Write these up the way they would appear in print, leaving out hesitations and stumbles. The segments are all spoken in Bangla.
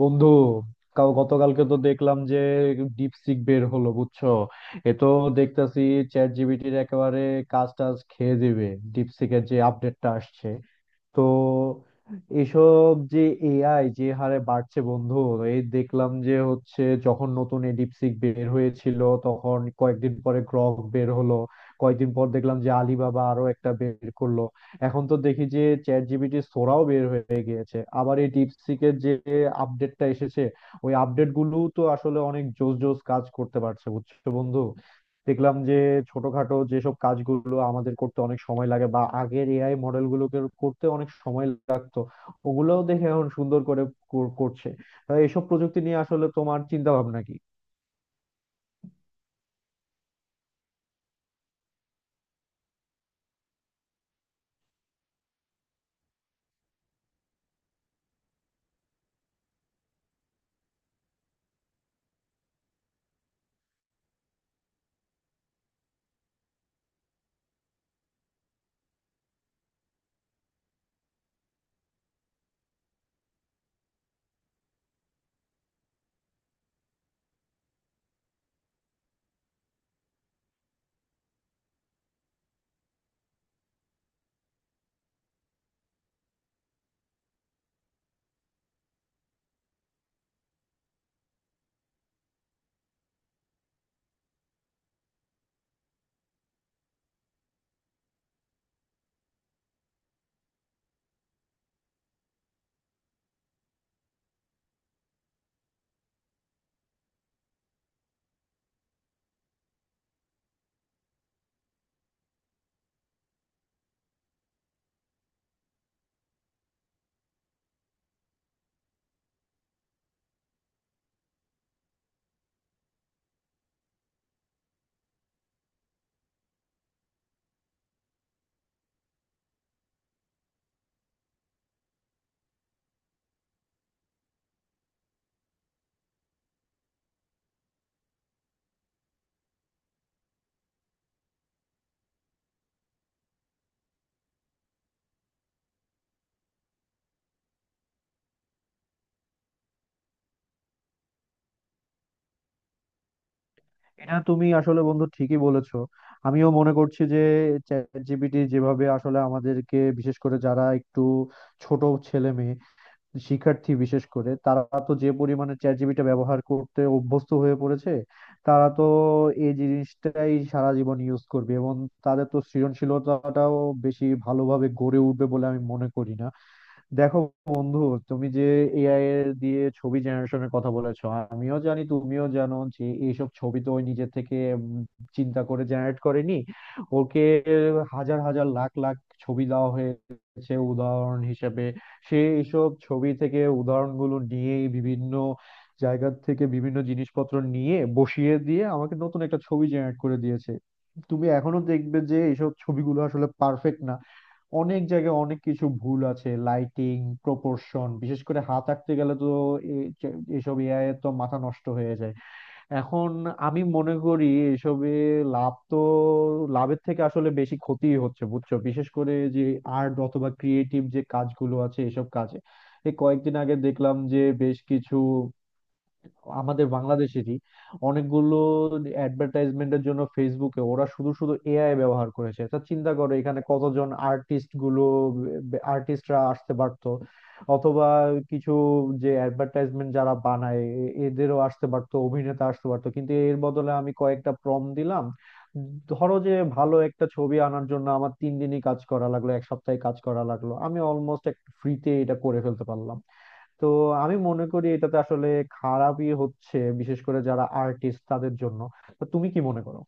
বন্ধু কাল গতকালকে তো দেখলাম যে ডিপসিক বের হলো বুঝছো। এ তো দেখতেছি চ্যাট জিপিটির একেবারে কাজ টাজ খেয়ে দিবে ডিপসিকের যে আপডেটটা আসছে। তো এসব যে এআই যে হারে বাড়ছে বন্ধু, এই দেখলাম যে হচ্ছে যখন নতুন এই ডিপসিক বের হয়েছিল তখন কয়েকদিন পরে গ্রক বের হলো, কয়েকদিন পর দেখলাম যে আলিবাবা আরো একটা বের করলো। এখন তো দেখি যে চ্যাট জিপিটি সোরাও বের হয়ে গিয়েছে, আবার এই ডিপসিকের যে আপডেটটা এসেছে ওই আপডেট গুলো তো আসলে অনেক জোস জোস কাজ করতে পারছে বুঝছো বন্ধু। দেখলাম যে ছোটখাটো যেসব কাজগুলো আমাদের করতে অনেক সময় লাগে বা আগের এআই মডেল গুলোকে করতে অনেক সময় লাগতো ওগুলোও দেখে এখন সুন্দর করে করছে। তাই এসব প্রযুক্তি নিয়ে আসলে তোমার চিন্তা ভাবনা কি? এটা তুমি আসলে বন্ধু ঠিকই বলেছো। আমিও মনে করছি যে চ্যাট জিপিটি যেভাবে আসলে আমাদেরকে, বিশেষ করে যারা একটু ছোট ছেলে মেয়ে শিক্ষার্থী বিশেষ করে তারা, তো যে পরিমাণে চ্যাট জিপিটি ব্যবহার করতে অভ্যস্ত হয়ে পড়েছে তারা তো এই জিনিসটাই সারা জীবন ইউজ করবে এবং তাদের তো সৃজনশীলতাটাও বেশি ভালোভাবে গড়ে উঠবে বলে আমি মনে করি না। দেখো বন্ধু, তুমি যে এআই এর দিয়ে ছবি জেনারেশনের কথা বলেছো, আমিও জানি তুমিও জানো যে এইসব ছবি তো ওই নিজে থেকে চিন্তা করে জেনারেট করেনি। ওকে হাজার হাজার লাখ লাখ ছবি দেওয়া হয়েছে উদাহরণ হিসেবে, সে এইসব ছবি থেকে উদাহরণগুলো নিয়ে বিভিন্ন জায়গা থেকে বিভিন্ন জিনিসপত্র নিয়ে বসিয়ে দিয়ে আমাকে নতুন একটা ছবি জেনারেট করে দিয়েছে। তুমি এখনো দেখবে যে এইসব ছবিগুলো আসলে পারফেক্ট না, অনেক জায়গায় অনেক কিছু ভুল আছে, লাইটিং, প্রপোর্শন, বিশেষ করে হাত আঁকতে গেলে তো এসব এআই এর তো মাথা নষ্ট হয়ে যায়। এখন আমি মনে করি এসবে লাভ তো লাভের থেকে আসলে বেশি ক্ষতিই হচ্ছে বুঝছো, বিশেষ করে যে আর্ট অথবা ক্রিয়েটিভ যে কাজগুলো আছে এসব কাজে। এই কয়েকদিন আগে দেখলাম যে বেশ কিছু আমাদের বাংলাদেশেরই অনেকগুলো অ্যাডভার্টাইজমেন্টের জন্য ফেসবুকে ওরা শুধু শুধু এআই ব্যবহার করেছে। তা চিন্তা করো এখানে কতজন আর্টিস্ট গুলো, আর্টিস্টরা আসতে পারতো, অথবা কিছু যে অ্যাডভার্টাইজমেন্ট যারা বানায় এদেরও আসতে পারতো, অভিনেতা আসতে পারতো, কিন্তু এর বদলে আমি কয়েকটা প্রম দিলাম। ধরো যে ভালো একটা ছবি আনার জন্য আমার 3 দিনই কাজ করা লাগলো, এক সপ্তাহে কাজ করা লাগলো, আমি অলমোস্ট একটা ফ্রিতে এটা করে ফেলতে পারলাম। তো আমি মনে করি এটাতে আসলে খারাপই হচ্ছে, বিশেষ করে যারা আর্টিস্ট তাদের জন্য। তো তুমি কি মনে করো?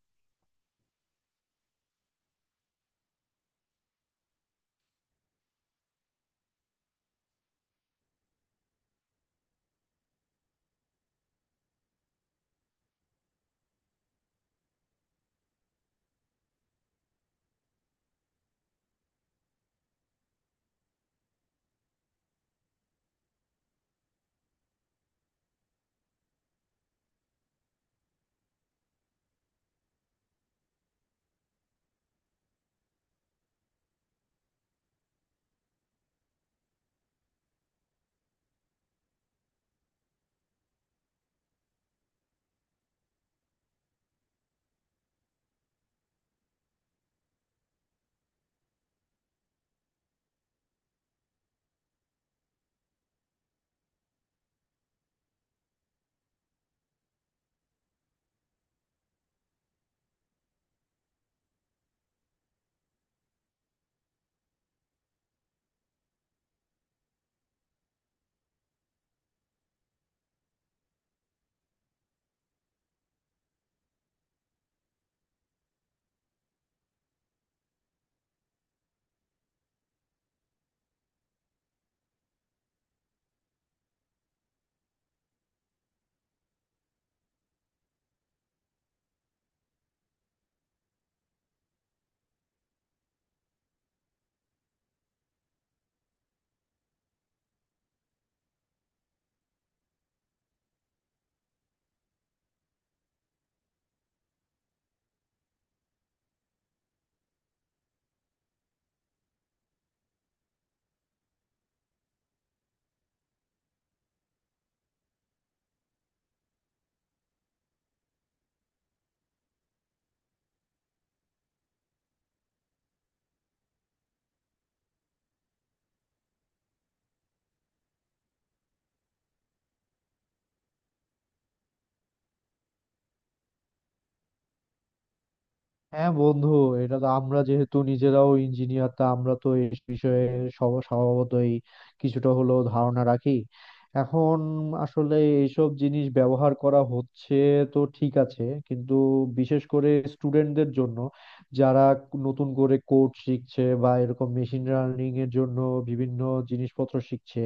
হ্যাঁ বন্ধু, এটা তো আমরা যেহেতু নিজেরাও ইঞ্জিনিয়ার তা আমরা তো এই বিষয়ে স্বভাবতই কিছুটা হলেও ধারণা রাখি। এখন আসলে এইসব জিনিস ব্যবহার করা হচ্ছে তো ঠিক আছে, কিন্তু বিশেষ করে স্টুডেন্টদের জন্য, যারা নতুন করে কোড শিখছে বা এরকম মেশিন লার্নিং এর জন্য বিভিন্ন জিনিসপত্র শিখছে,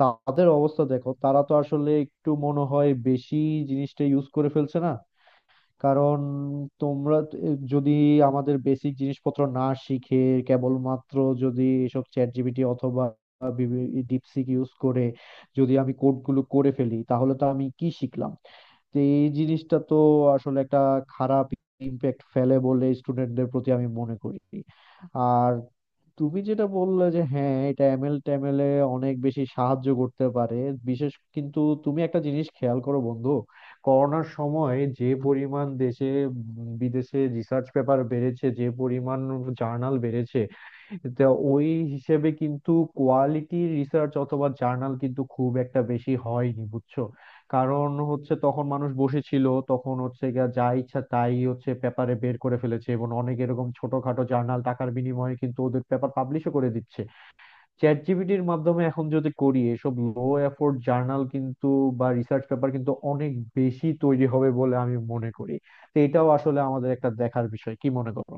তাদের অবস্থা দেখো তারা তো আসলে একটু মনে হয় বেশি জিনিসটা ইউজ করে ফেলছে না? কারণ তোমরা যদি আমাদের বেসিক জিনিসপত্র না শিখে কেবলমাত্র যদি এসব চ্যাট জিপিটি অথবা ডিপসিক ইউজ করে যদি আমি কোডগুলো করে ফেলি তাহলে তো আমি কি শিখলাম? তো এই জিনিসটা তো আসলে একটা খারাপ ইমপ্যাক্ট ফেলে বলে স্টুডেন্টদের প্রতি আমি মনে করি। আর তুমি যেটা বললে যে হ্যাঁ এটা এমএল ট্যামেলে অনেক বেশি সাহায্য করতে পারে, বিশেষ কিন্তু তুমি একটা জিনিস খেয়াল করো বন্ধু, করোনার সময় যে পরিমাণ দেশে বিদেশে রিসার্চ পেপার বেড়েছে, যে পরিমাণ জার্নাল বেড়েছে, তা ওই হিসেবে কিন্তু কোয়ালিটি রিসার্চ অথবা জার্নাল কিন্তু খুব একটা বেশি হয়নি বুঝছো। কারণ হচ্ছে তখন মানুষ বসেছিল, তখন হচ্ছে গিয়া যা ইচ্ছা তাই হচ্ছে পেপারে বের করে ফেলেছে এবং অনেক এরকম ছোটখাটো জার্নাল টাকার বিনিময়ে কিন্তু ওদের পেপার পাবলিশও করে দিচ্ছে। চ্যাট জিপিটির মাধ্যমে এখন যদি করি এসব লো এফোর্ট জার্নাল কিন্তু বা রিসার্চ পেপার কিন্তু অনেক বেশি তৈরি হবে বলে আমি মনে করি। তো এটাও আসলে আমাদের একটা দেখার বিষয়, কি মনে করো?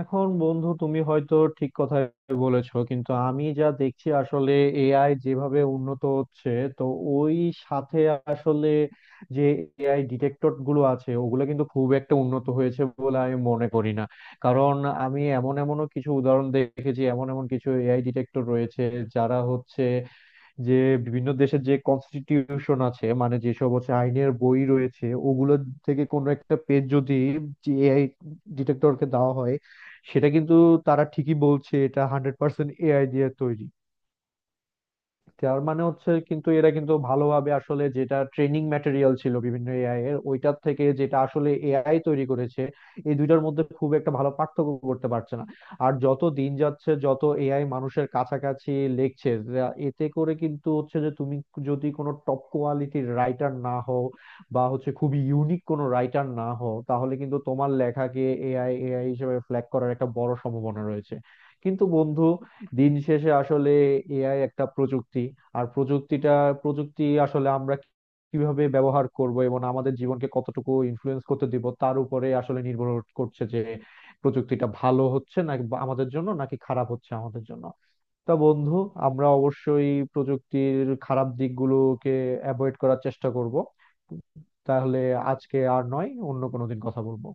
এখন বন্ধু তুমি হয়তো ঠিক কথাই বলেছো, কিন্তু আমি যা দেখছি আসলে এআই যেভাবে উন্নত হচ্ছে তো ওই সাথে আসলে যে এআই ডিটেক্টর গুলো আছে ওগুলো কিন্তু খুব একটা উন্নত হয়েছে বলে আমি মনে করি না। কারণ আমি এমন এমনও কিছু উদাহরণ দেখেছি, এমন এমন কিছু এআই ডিটেক্টর রয়েছে যারা হচ্ছে যে বিভিন্ন দেশের যে কনস্টিটিউশন আছে মানে যেসব হচ্ছে আইনের বই রয়েছে ওগুলো থেকে কোনো একটা পেজ যদি এআই ডিটেক্টরকে দেওয়া হয় সেটা কিন্তু তারা ঠিকই বলছে এটা 100% এআই দিয়ে তৈরি। তার মানে হচ্ছে কিন্তু এরা কিন্তু ভালোভাবে আসলে যেটা ট্রেনিং ম্যাটেরিয়াল ছিল বিভিন্ন এআই এর ওইটার থেকে যেটা আসলে এআই তৈরি করেছে এই দুইটার মধ্যে খুব একটা ভালো পার্থক্য করতে পারছে না। আর যত দিন যাচ্ছে যত এআই মানুষের কাছাকাছি লেখছে এতে করে কিন্তু হচ্ছে যে তুমি যদি কোনো টপ কোয়ালিটির রাইটার না হও বা হচ্ছে খুবই ইউনিক কোনো রাইটার না হও তাহলে কিন্তু তোমার লেখাকে এআই এআই হিসেবে ফ্ল্যাগ করার একটা বড় সম্ভাবনা রয়েছে। কিন্তু বন্ধু, দিন শেষে আসলে এআই একটা প্রযুক্তি। আর প্রযুক্তি আসলে আমরা কিভাবে ব্যবহার করব এবং আমাদের জীবনকে কতটুকু ইনফ্লুয়েন্স করতে দিব তার উপরে আসলে নির্ভর করছে যে প্রযুক্তিটা ভালো হচ্ছে নাকি আমাদের জন্য, নাকি খারাপ হচ্ছে আমাদের জন্য। তা বন্ধু, আমরা অবশ্যই প্রযুক্তির খারাপ দিকগুলোকে অ্যাভয়েড করার চেষ্টা করব। তাহলে আজকে আর নয়, অন্য কোনো দিন কথা বলবো।